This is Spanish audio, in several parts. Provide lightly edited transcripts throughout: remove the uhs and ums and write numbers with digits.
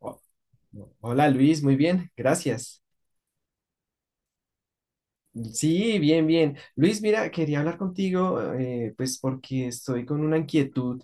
Ho- Hola Luis, muy bien, gracias. Sí, bien, bien. Luis, mira, quería hablar contigo, pues porque estoy con una inquietud.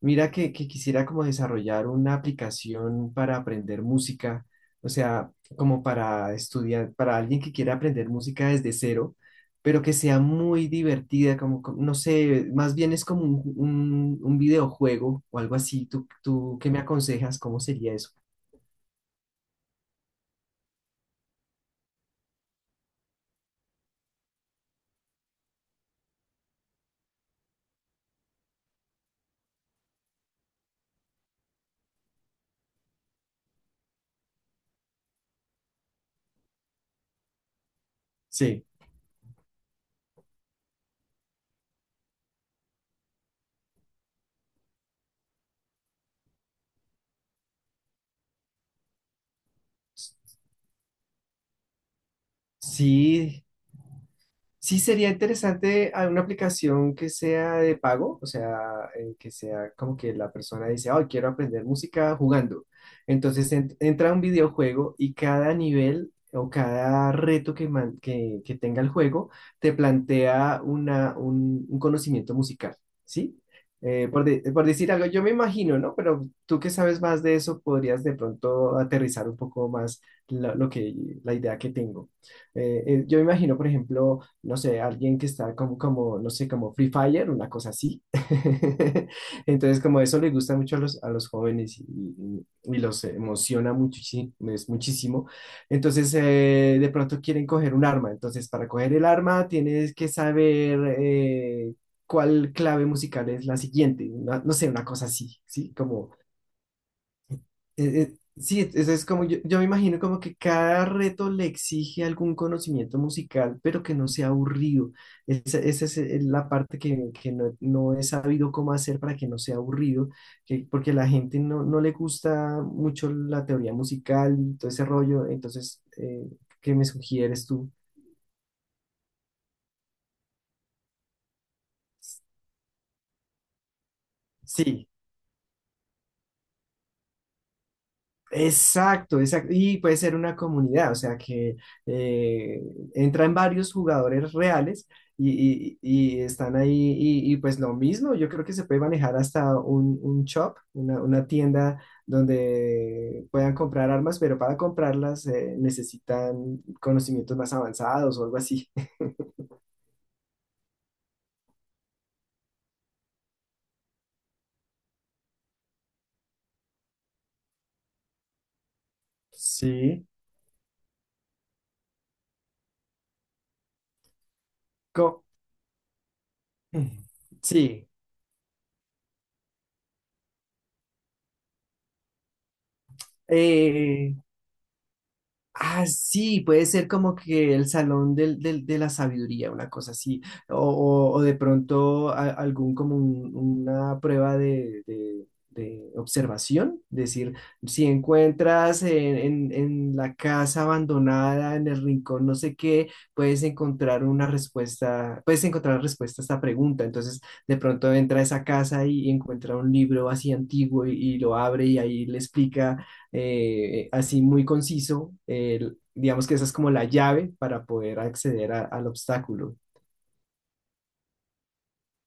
Mira que quisiera como desarrollar una aplicación para aprender música, o sea, como para estudiar, para alguien que quiera aprender música desde cero, pero que sea muy divertida, como, no sé, más bien es como un, un videojuego o algo así. ¿Tú qué me aconsejas? ¿Cómo sería eso? Sí. Sí, Sí, sería interesante a una aplicación que sea de pago, o sea, que sea como que la persona dice, oh, quiero aprender música jugando. Entonces entra a un videojuego y cada nivel o cada reto que tenga el juego te plantea una, un conocimiento musical, ¿sí? Por, por decir algo, yo me imagino, ¿no? Pero tú que sabes más de eso, podrías de pronto aterrizar un poco más lo que, la idea que tengo. Yo me imagino, por ejemplo, no sé, alguien que está como, como, no sé, como Free Fire, una cosa así. Entonces, como eso le gusta mucho a los jóvenes y los emociona muchísimo, es muchísimo. Entonces, de pronto quieren coger un arma. Entonces, para coger el arma tienes que saber cuál clave musical es la siguiente. No sé, una cosa así, ¿sí? Como sí, es como yo me imagino como que cada reto le exige algún conocimiento musical, pero que no sea aburrido. Esa es la parte que no, no he sabido cómo hacer para que no sea aburrido, que, porque a la gente no, no le gusta mucho la teoría musical y todo ese rollo. Entonces, ¿qué me sugieres tú? Sí, exacto, exacto. Y puede ser una comunidad, o sea que eh, entran varios jugadores reales y están ahí y pues lo mismo, yo creo que se puede manejar hasta un shop, una tienda donde puedan comprar armas, pero para comprarlas necesitan conocimientos más avanzados o algo así. Sí. Co- sí. Eh, ah, sí, puede ser como que el salón del, de la sabiduría, una cosa así, o, o de pronto algún como una prueba de, de observación, decir, si encuentras en, en la casa abandonada, en el rincón, no sé qué, puedes encontrar una respuesta, puedes encontrar respuesta a esta pregunta, entonces de pronto entra a esa casa y encuentra un libro así antiguo y lo abre y ahí le explica así muy conciso, digamos que esa es como la llave para poder acceder al obstáculo.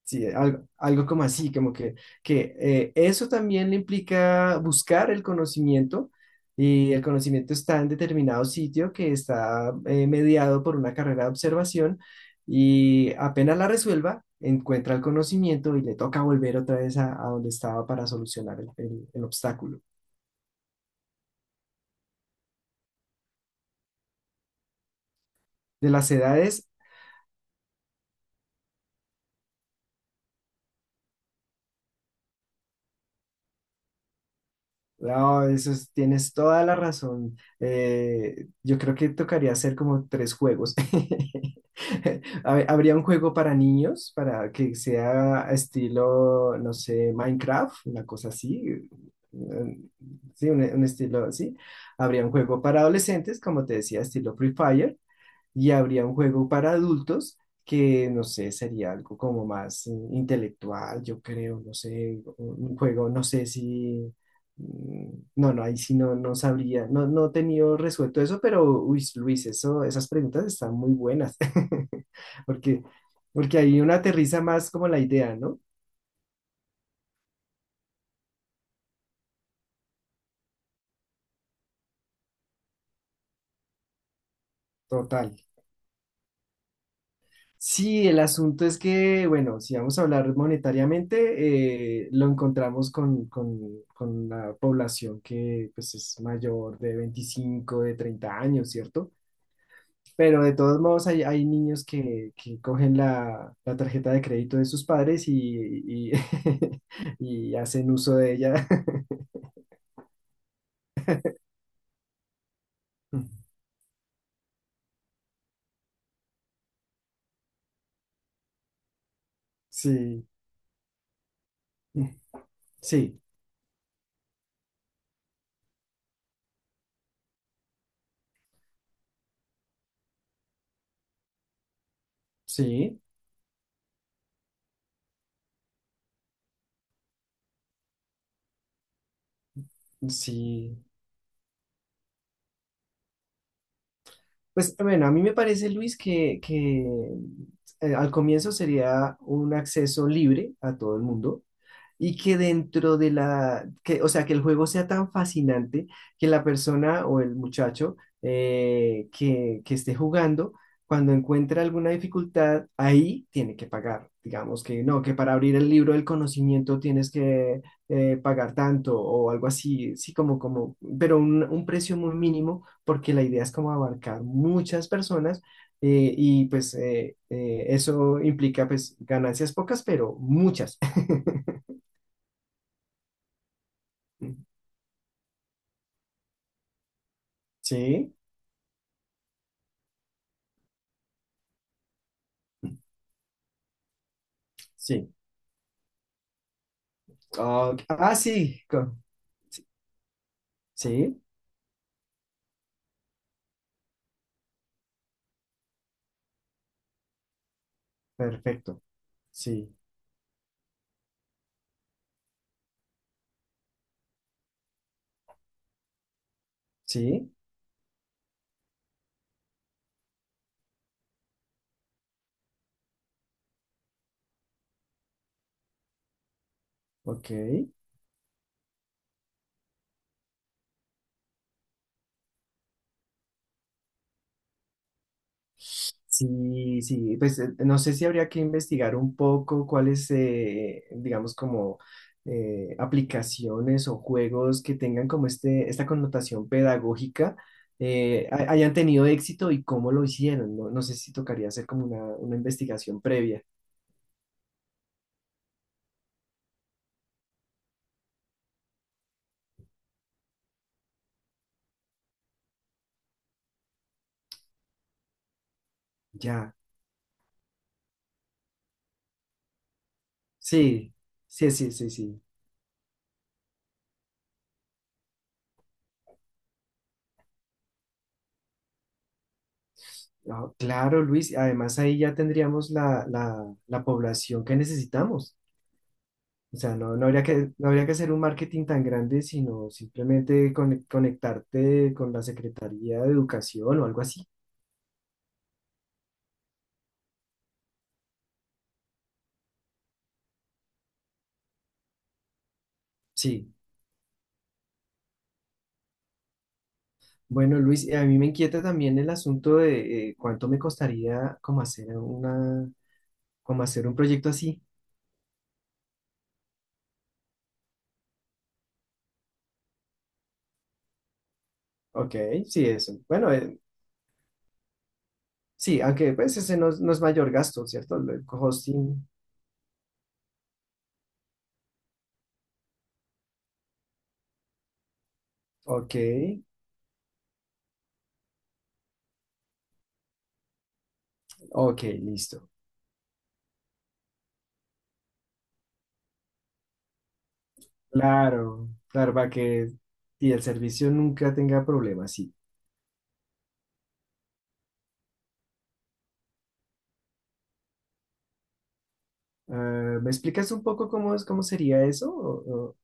Sí, algo, algo como así, como que eso también le implica buscar el conocimiento y el conocimiento está en determinado sitio que está mediado por una carrera de observación y apenas la resuelva, encuentra el conocimiento y le toca volver otra vez a donde estaba para solucionar el, el obstáculo. De las edades, no, tienes toda la razón. Yo creo que tocaría hacer como tres juegos. A ver, habría un juego para niños, para que sea estilo, no sé, Minecraft, una cosa así. Sí, un estilo así. Habría un juego para adolescentes, como te decía, estilo Free Fire y habría un juego para adultos que, no sé, sería algo como más intelectual, yo creo, no sé, un juego, no sé si, mm, no, no, ahí sí no, no sabría, no, no he tenido resuelto eso, pero, uy, Luis, eso, esas preguntas están muy buenas, porque, porque ahí uno aterriza más como la idea, ¿no? Total. Sí, el asunto es que, bueno, si vamos a hablar monetariamente, lo encontramos con la población que pues, es mayor de 25, de 30 años, ¿cierto? Pero de todos modos hay, hay niños que cogen la, la tarjeta de crédito de sus padres y, y hacen uso de ella. Sí, sí, sí, sí. Pues bueno, a mí me parece, Luis, que, al comienzo sería un acceso libre a todo el mundo y que dentro de la, que, o sea, que el juego sea tan fascinante que la persona o el muchacho que esté jugando, cuando encuentra alguna dificultad, ahí tiene que pagar. Digamos que no, que para abrir el libro del conocimiento tienes que pagar tanto o algo así, sí, como, como, pero un precio muy mínimo, porque la idea es como abarcar muchas personas y pues eso implica pues ganancias pocas, pero muchas. Sí, sí. Ok. Ah, sí. Sí, perfecto. Sí, sí, ok. Sí, sí, pues no sé si habría que investigar un poco cuáles, digamos, como aplicaciones o juegos que tengan como este, esta connotación pedagógica hayan tenido éxito y cómo lo hicieron. No, no sé si tocaría hacer como una investigación previa. Ya, sí, sí, sí, sí, sí. Ah, claro, Luis, además ahí ya tendríamos la, la población que necesitamos. O sea, no, no habría que, no habría que hacer un marketing tan grande, sino simplemente conectarte con la Secretaría de Educación o algo así. Sí. Bueno, Luis, a mí me inquieta también el asunto de cuánto me costaría como hacer una, como hacer un proyecto así. Ok, sí, eso. Bueno, sí, aunque pues ese no, es no es mayor gasto, ¿cierto? El hosting. Ok, ok, listo. Claro, claro, para que y el servicio nunca tenga problemas, sí. Ah, ¿me explicas un poco cómo es, cómo sería eso? O,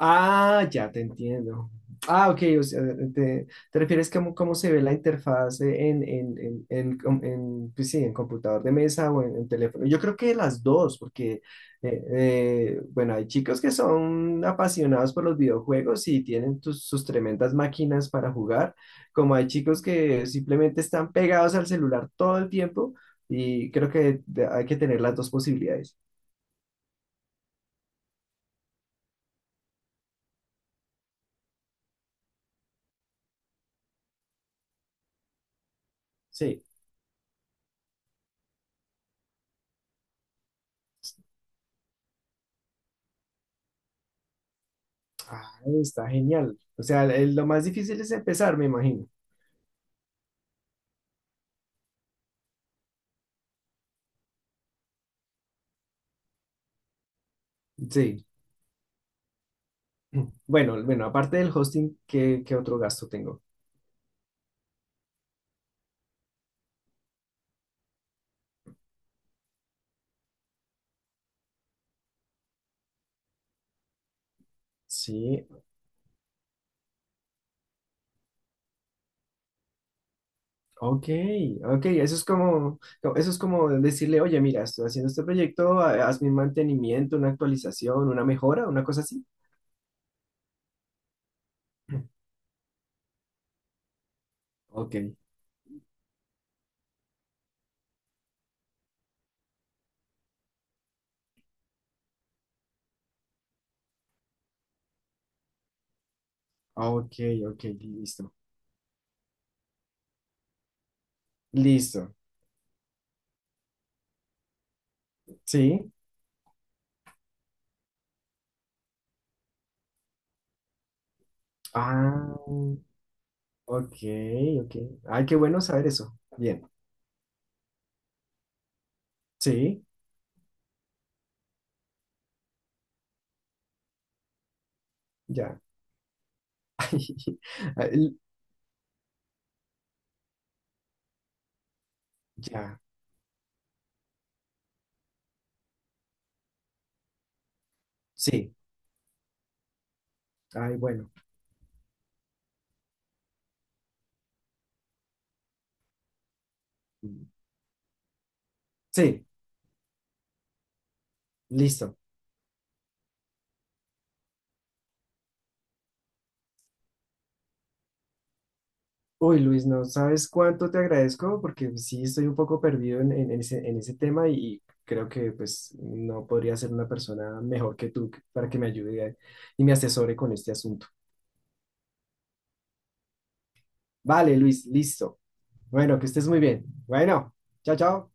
ah, ya te entiendo. Ah, ok, o sea, te refieres cómo cómo se ve la interfaz en, en, pues sí, en computador de mesa o en teléfono. Yo creo que las dos, porque, eh, bueno, hay chicos que son apasionados por los videojuegos y tienen sus tremendas máquinas para jugar, como hay chicos que simplemente están pegados al celular todo el tiempo y creo que hay que tener las dos posibilidades. Sí. Ah, está genial. O sea, lo más difícil es empezar, me imagino. Sí. Bueno, bueno, aparte del hosting, ¿qué, qué otro gasto tengo? Sí, ok, ok, eso es como, no, eso es como decirle, oye, mira, estoy haciendo este proyecto, hazme un mantenimiento, una actualización, una mejora, una cosa así. Ok, ok, ok, listo. Listo, sí. Ah, ok, ok. Ay, qué bueno saber eso. Bien, sí, ya. Ay, ya, sí, ay, bueno. Sí, listo. Uy, Luis, no sabes cuánto te agradezco porque sí estoy un poco perdido en, en ese tema y creo que pues no podría ser una persona mejor que tú para que me ayude y me asesore con este asunto. Vale, Luis, listo. Bueno, que estés muy bien. Bueno, chao, chao.